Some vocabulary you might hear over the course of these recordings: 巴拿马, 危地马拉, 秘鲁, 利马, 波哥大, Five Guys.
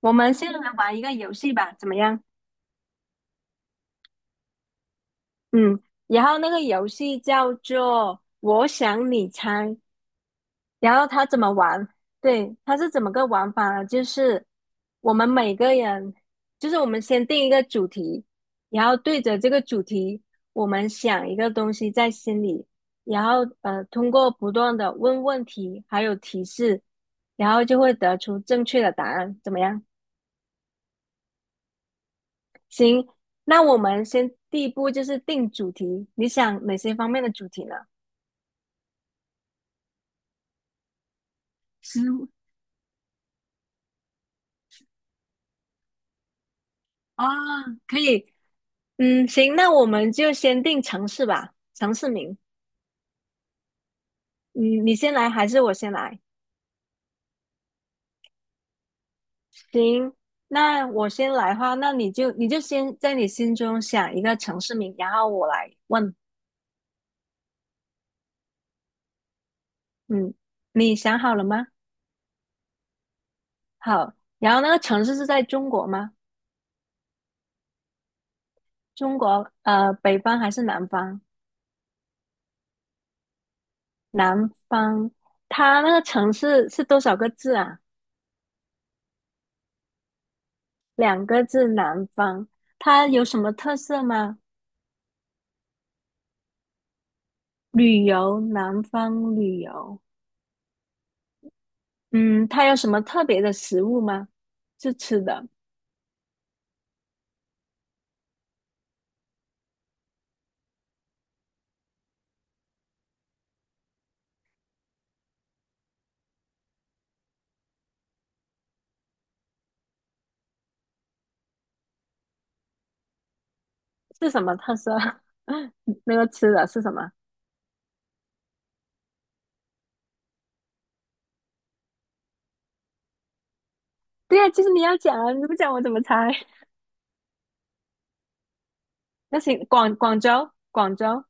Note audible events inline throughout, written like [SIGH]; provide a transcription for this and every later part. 我们先来玩一个游戏吧，怎么样？嗯，然后那个游戏叫做"我想你猜"，然后它怎么玩？对，它是怎么个玩法呢？就是我们每个人，就是我们先定一个主题，然后对着这个主题，我们想一个东西在心里，然后通过不断的问问题，还有提示，然后就会得出正确的答案，怎么样？行，那我们先第一步就是定主题，你想哪些方面的主题呢？食物啊，可以，嗯，行，那我们就先定城市吧，城市名。嗯，你先来还是我先来？行，那我先来的话，那你就先在你心中想一个城市名，然后我来问。嗯，你想好了吗？好，然后那个城市是在中国吗？中国，呃，北方还是南方？南方，它那个城市是多少个字啊？两个字，南方。它有什么特色吗？旅游，南方旅游。嗯，它有什么特别的食物吗？是吃的，是什么特色？[LAUGHS] 那个吃的是什么？对呀，就是你要讲啊，你不讲我怎么猜？[LAUGHS] 那行，广州，广州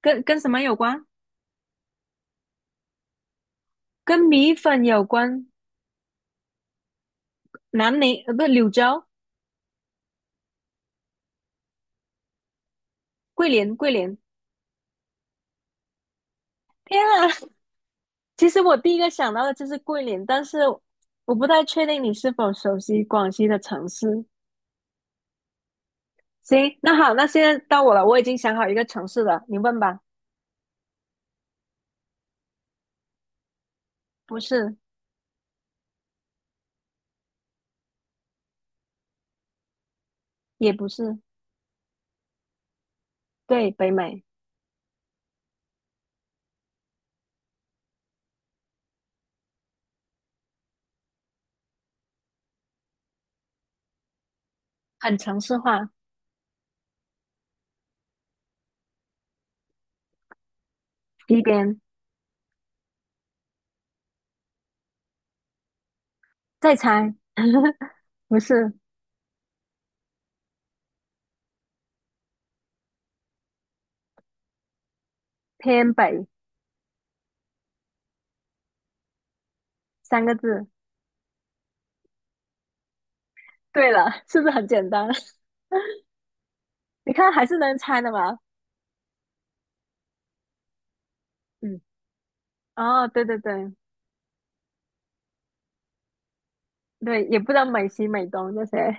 跟什么有关？跟米粉有关。南宁，不，柳州，桂林，桂林。天啊！其实我第一个想到的就是桂林，但是我不太确定你是否熟悉广西的城市。行，那好，那现在到我了，我已经想好一个城市了，你问吧。不是，也不是，对，北美，很城市化，西边，再猜，[LAUGHS] 不是，偏北，三个字。对了，是不是很简单？[LAUGHS] 你看还是能猜的嘛。嗯，哦，对对对对，也不知道美西美东这些。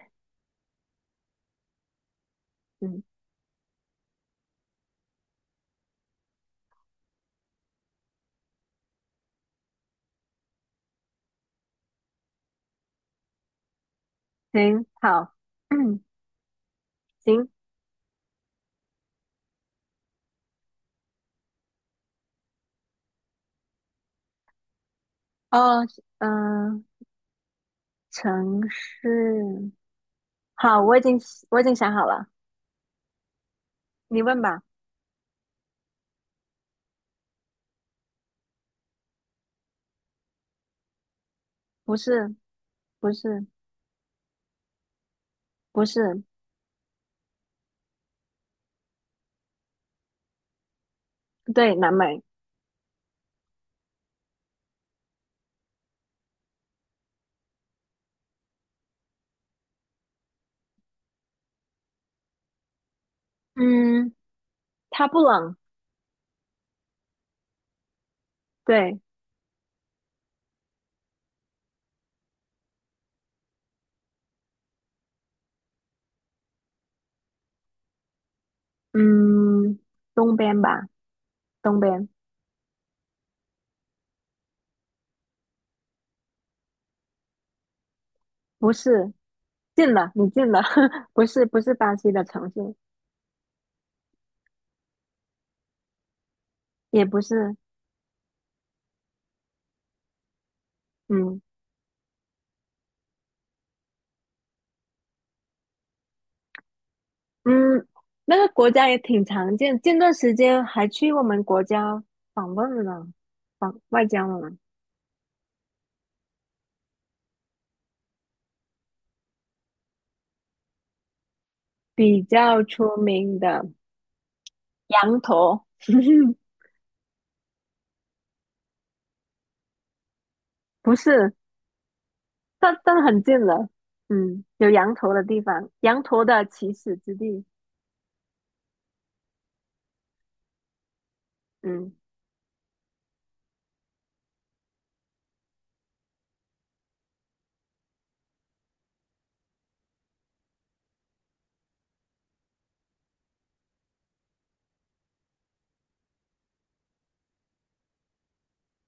嗯，行，好，[COUGHS] [CLEARS THROAT] 嗯，行，哦，嗯、城市，好，我已经想好了，你问吧。不是，不是，不是，对，南美。嗯，它不冷。对，嗯，东边吧，东边。不是，近了，你近了。[LAUGHS] 不是，不是巴西的城市，也不是。嗯嗯，那个国家也挺常见，近段时间还去我们国家访问了呢访外交了呢。比较出名的羊驼。[LAUGHS] 不是，但很近了。有羊驼的地方，羊驼的起始之地。嗯，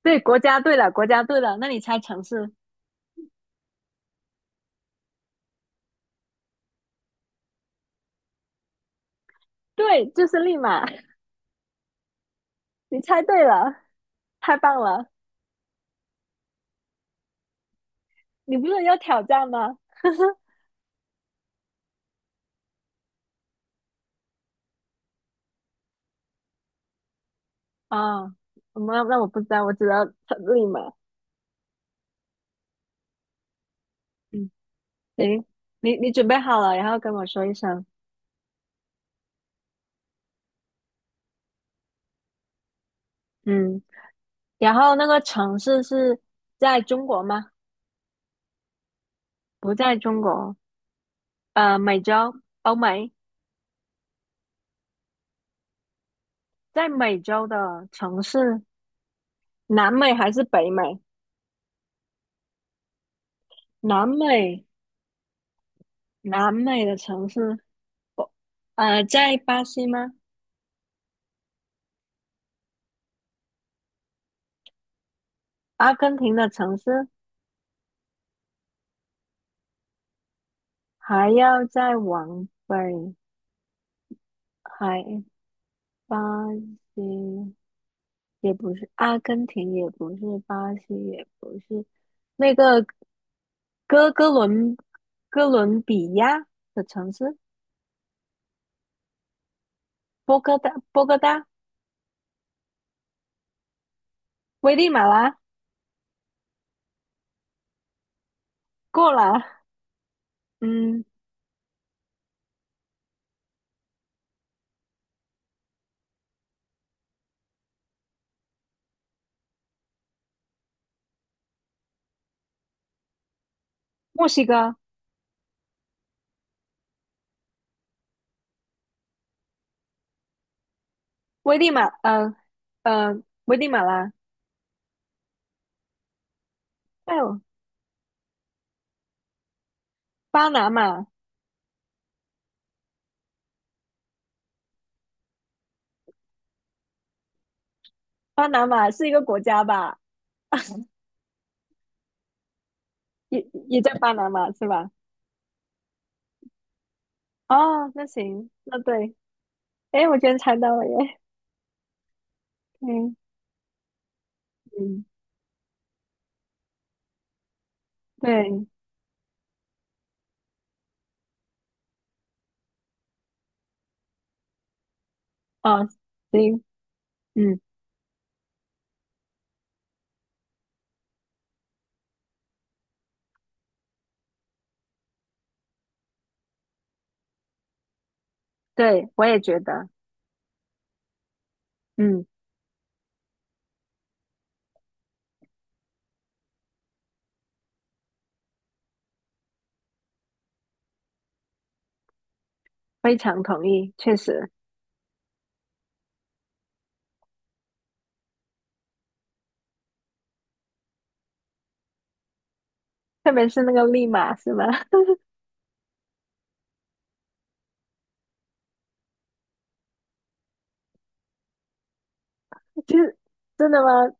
对，国家队了，国家队了。那你猜城市？对，就是利马。[LAUGHS] 你猜对了，太棒了！你不是要挑战吗？[LAUGHS] 啊、我那那我不知道，我只知道猜利马。嗯，行，你准备好了，然后跟我说一声。嗯，然后那个城市是在中国吗？不在中国，呃，美洲，欧美。在美洲的城市，南美还是北美？南美，南美的城市，不呃，在巴西吗？阿根廷的城市，还要再往北，还巴西也不是，阿根廷也不是，巴西也不是，那个哥哥伦哥伦比亚的城市，波哥大，波哥大，危地马拉，过了，嗯，墨西哥。危地马，嗯、危地马拉，哎呦，巴拿马，巴拿马是一个国家吧？也也叫巴拿马是吧？哦，那行，那对，哎，我居然猜到了耶！嗯嗯，对，哦，行，嗯，对，我也觉得，嗯，非常同意，确实，特别是那个利马是吧？就是真的吗？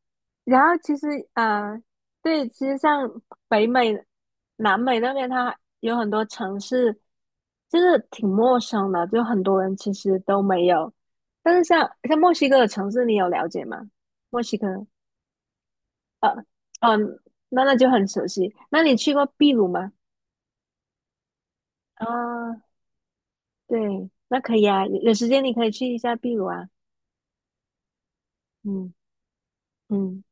然后其实啊，对，其实像北美、南美那边，它有很多城市，就是挺陌生的，就很多人其实都没有。但是像墨西哥的城市，你有了解吗？墨西哥，嗯、那就很熟悉。那你去过秘鲁吗？啊、对，那可以啊，有时间你可以去一下秘鲁啊。嗯嗯，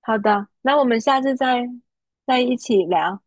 好的，那我们下次再一起聊。